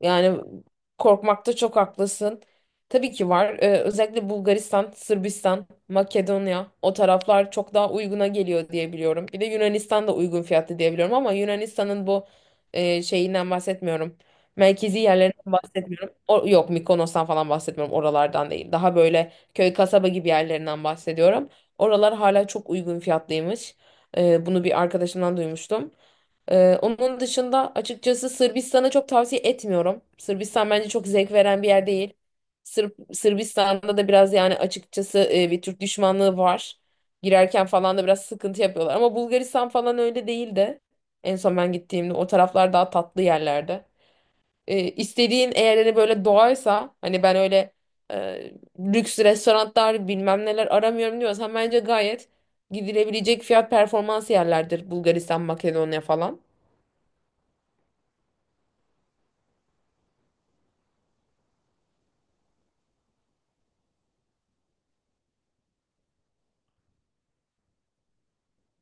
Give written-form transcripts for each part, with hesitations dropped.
Yani korkmakta çok haklısın. Tabii ki var. Özellikle Bulgaristan, Sırbistan, Makedonya o taraflar çok daha uyguna geliyor diye biliyorum. Bir de Yunanistan da uygun fiyatlı diye biliyorum ama Yunanistan'ın bu şeyinden bahsetmiyorum. Merkezi yerlerinden bahsetmiyorum. O, yok Mikonos'tan falan bahsetmiyorum. Oralardan değil. Daha böyle köy kasaba gibi yerlerinden bahsediyorum. Oralar hala çok uygun fiyatlıymış. Bunu bir arkadaşımdan duymuştum. Onun dışında açıkçası Sırbistan'ı çok tavsiye etmiyorum. Sırbistan bence çok zevk veren bir yer değil. Sırp, Sırbistan'da da biraz yani açıkçası bir Türk düşmanlığı var. Girerken falan da biraz sıkıntı yapıyorlar. Ama Bulgaristan falan öyle değildi. En son ben gittiğimde o taraflar daha tatlı yerlerde. İstediğin eğer hani böyle doğaysa hani ben öyle e, lüks restoranlar bilmem neler aramıyorum diyorsan bence gayet gidilebilecek fiyat performans yerlerdir Bulgaristan, Makedonya falan.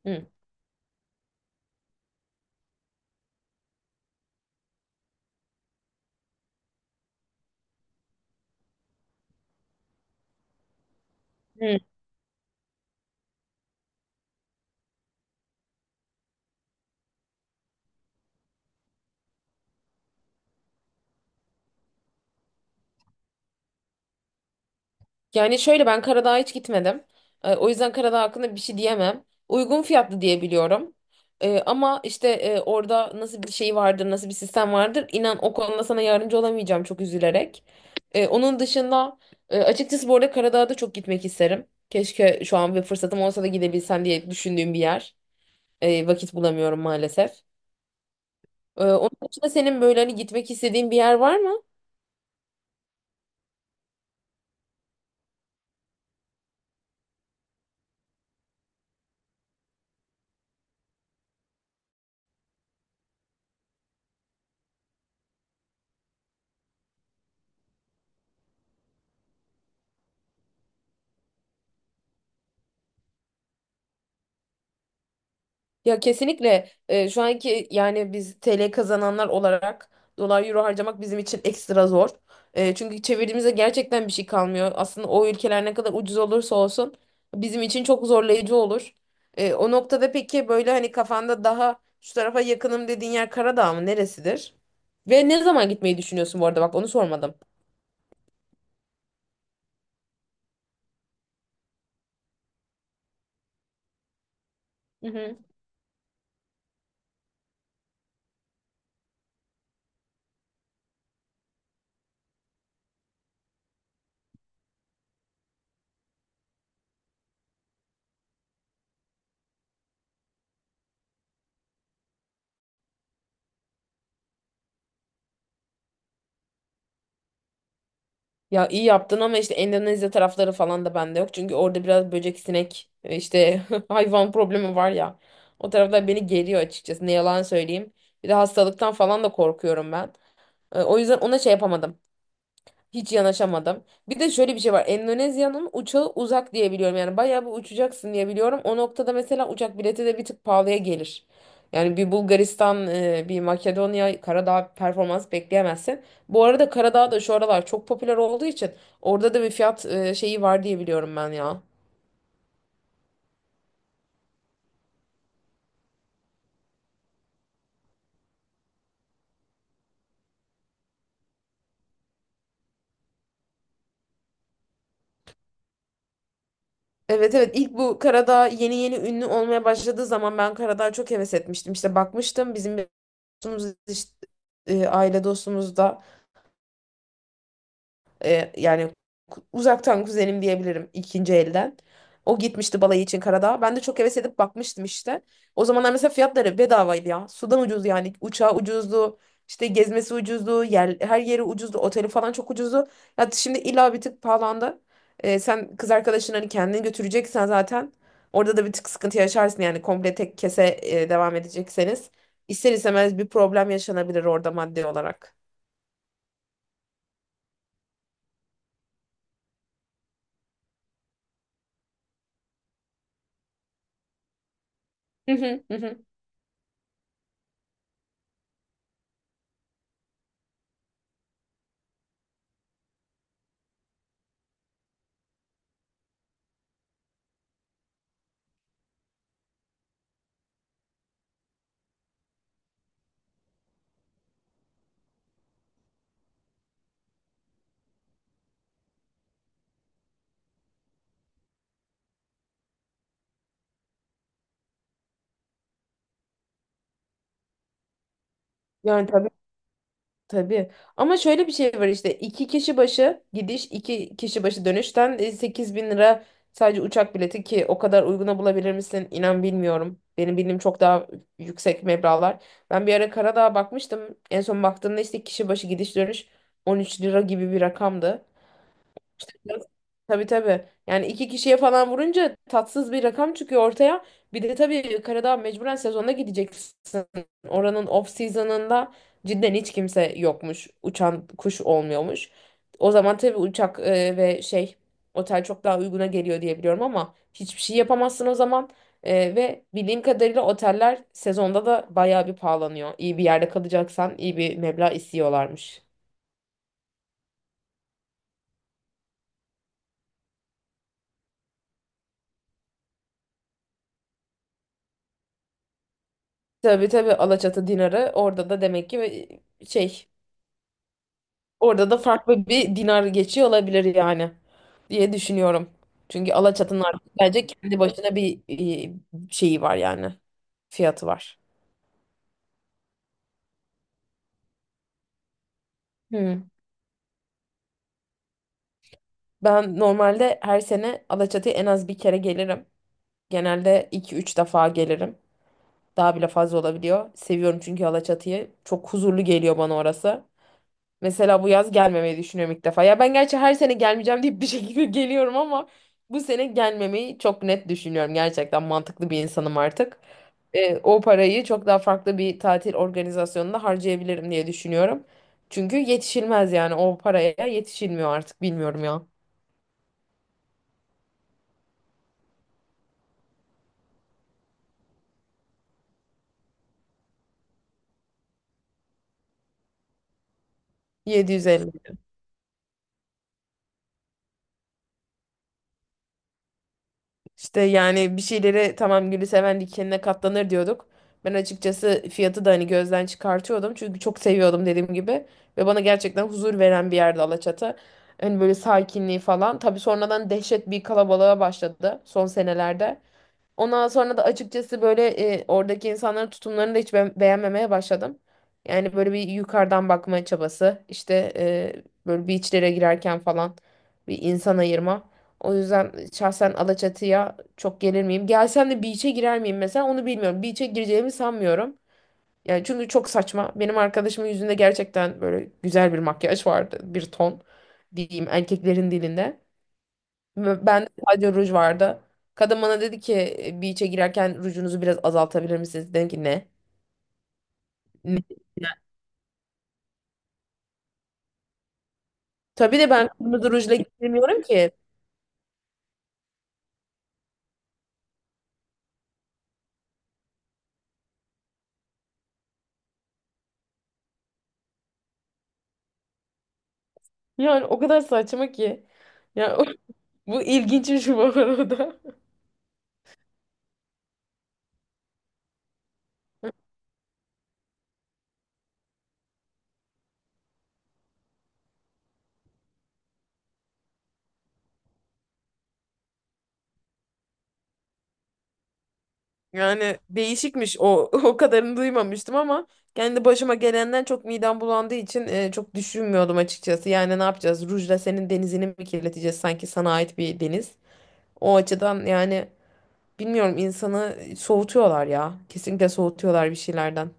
Hı. Hı. Yani şöyle ben Karadağ'a hiç gitmedim. O yüzden Karadağ hakkında bir şey diyemem. Uygun fiyatlı diye biliyorum. Ama işte orada nasıl bir şey vardır, nasıl bir sistem vardır inan o konuda sana yardımcı olamayacağım çok üzülerek. Onun dışında açıkçası bu arada Karadağ'a da çok gitmek isterim. Keşke şu an bir fırsatım olsa da gidebilsem diye düşündüğüm bir yer. Vakit bulamıyorum maalesef. Onun dışında senin böyle hani gitmek istediğin bir yer var mı? Ya kesinlikle şu anki yani biz TL kazananlar olarak dolar euro harcamak bizim için ekstra zor. Çünkü çevirdiğimizde gerçekten bir şey kalmıyor. Aslında o ülkeler ne kadar ucuz olursa olsun bizim için çok zorlayıcı olur. O noktada peki böyle hani kafanda daha şu tarafa yakınım dediğin yer Karadağ mı neresidir? Ve ne zaman gitmeyi düşünüyorsun bu arada bak onu sormadım. Ya iyi yaptın ama işte Endonezya tarafları falan da bende yok. Çünkü orada biraz böcek, sinek, işte hayvan problemi var ya. O taraflar beni geriyor açıkçası. Ne yalan söyleyeyim. Bir de hastalıktan falan da korkuyorum ben. O yüzden ona şey yapamadım. Hiç yanaşamadım. Bir de şöyle bir şey var. Endonezya'nın uçağı uzak diye biliyorum. Yani bayağı bir uçacaksın diye biliyorum. O noktada mesela uçak bileti de bir tık pahalıya gelir. Yani bir Bulgaristan, bir Makedonya, Karadağ performans bekleyemezsin. Bu arada Karadağ da şu aralar çok popüler olduğu için orada da bir fiyat şeyi var diye biliyorum ben ya. Evet evet ilk bu Karadağ yeni yeni ünlü olmaya başladığı zaman ben Karadağ'a çok heves etmiştim. İşte bakmıştım bizim bir dostumuz işte, aile dostumuz da yani uzaktan kuzenim diyebilirim ikinci elden. O gitmişti balayı için Karadağ'a. Ben de çok heves edip bakmıştım işte. O zamanlar mesela fiyatları bedavaydı ya. Sudan ucuz yani. Uçağı ucuzdu. İşte gezmesi ucuzdu. Yer, her yeri ucuzdu. Oteli falan çok ucuzdu. Ya şimdi illa bir tık pahalandı. Sen kız arkadaşın hani kendini götüreceksen zaten orada da bir tık sıkıntı yaşarsın yani komple tek kese devam edecekseniz. İster istemez bir problem yaşanabilir orada maddi olarak. Hı hı hı. Hı. Yani tabii. Tabii. Ama şöyle bir şey var işte iki kişi başı gidiş iki kişi başı dönüşten 8 bin lira sadece uçak bileti ki o kadar uyguna bulabilir misin? İnan bilmiyorum. Benim bildiğim çok daha yüksek meblağlar. Ben bir ara Karadağ'a bakmıştım. En son baktığımda işte kişi başı gidiş dönüş 13 lira gibi bir rakamdı. Biraz- Tabii tabii. Yani iki kişiye falan vurunca tatsız bir rakam çıkıyor ortaya. Bir de tabii Karadağ mecburen sezonda gideceksin. Oranın off season'ında cidden hiç kimse yokmuş. Uçan kuş olmuyormuş. O zaman tabii uçak ve şey otel çok daha uyguna geliyor diye biliyorum ama hiçbir şey yapamazsın o zaman. Ve bildiğim kadarıyla oteller sezonda da bayağı bir pahalanıyor. İyi bir yerde kalacaksan iyi bir meblağ istiyorlarmış. Tabii tabii Alaçatı dinarı orada da demek ki e, şey orada da farklı bir dinar geçiyor olabilir yani diye düşünüyorum. Çünkü Alaçatı'nın artık bence kendi başına bir e, şeyi var yani fiyatı var. Hmm. Ben normalde her sene Alaçatı'ya en az bir kere gelirim. Genelde iki üç defa gelirim. Daha bile fazla olabiliyor. Seviyorum çünkü Alaçatı'yı. Çok huzurlu geliyor bana orası. Mesela bu yaz gelmemeyi düşünüyorum ilk defa. Ya ben gerçi her sene gelmeyeceğim deyip bir şekilde geliyorum ama bu sene gelmemeyi çok net düşünüyorum. Gerçekten mantıklı bir insanım artık. O parayı çok daha farklı bir tatil organizasyonunda harcayabilirim diye düşünüyorum. Çünkü yetişilmez yani o paraya yetişilmiyor artık bilmiyorum ya. 750. İşte yani bir şeylere tamam gülü seven dikenine katlanır diyorduk. Ben açıkçası fiyatı da hani gözden çıkartıyordum. Çünkü çok seviyordum dediğim gibi. Ve bana gerçekten huzur veren bir yerdi Alaçatı. Hani böyle sakinliği falan. Tabii sonradan dehşet bir kalabalığa başladı son senelerde. Ondan sonra da açıkçası böyle oradaki insanların tutumlarını da hiç beğenmemeye başladım. Yani böyle bir yukarıdan bakma çabası, işte böyle beachlere girerken falan bir insan ayırma. O yüzden şahsen Alaçatı'ya çok gelir miyim? Gelsem de beach'e girer miyim mesela onu bilmiyorum. Beach'e gireceğimi sanmıyorum. Yani çünkü çok saçma. Benim arkadaşımın yüzünde gerçekten böyle güzel bir makyaj vardı. Bir ton diyeyim erkeklerin dilinde. Ve ben de sadece ruj vardı. Kadın bana dedi ki "E, beach'e girerken rujunuzu biraz azaltabilir misiniz?" Dedim ki ne? Ne? Tabii de ben kırmızı rujla girmiyorum ki. Yani o kadar saçma ki. Ya bu ilginçmiş bu arada. Yani değişikmiş o o kadarını duymamıştım ama kendi başıma gelenden çok midem bulandığı için çok düşünmüyordum açıkçası. Yani ne yapacağız? Rujla senin denizini mi kirleteceğiz sanki sana ait bir deniz? O açıdan yani bilmiyorum insanı soğutuyorlar ya. Kesinlikle soğutuyorlar bir şeylerden.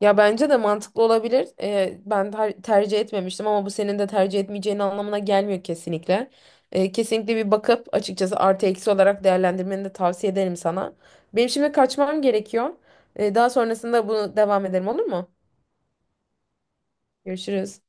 Ya bence de mantıklı olabilir. Ben tercih etmemiştim ama bu senin de tercih etmeyeceğin anlamına gelmiyor kesinlikle. Kesinlikle bir bakıp açıkçası artı eksi olarak değerlendirmeni de tavsiye ederim sana. Benim şimdi kaçmam gerekiyor. Daha sonrasında bunu devam edelim olur mu? Görüşürüz.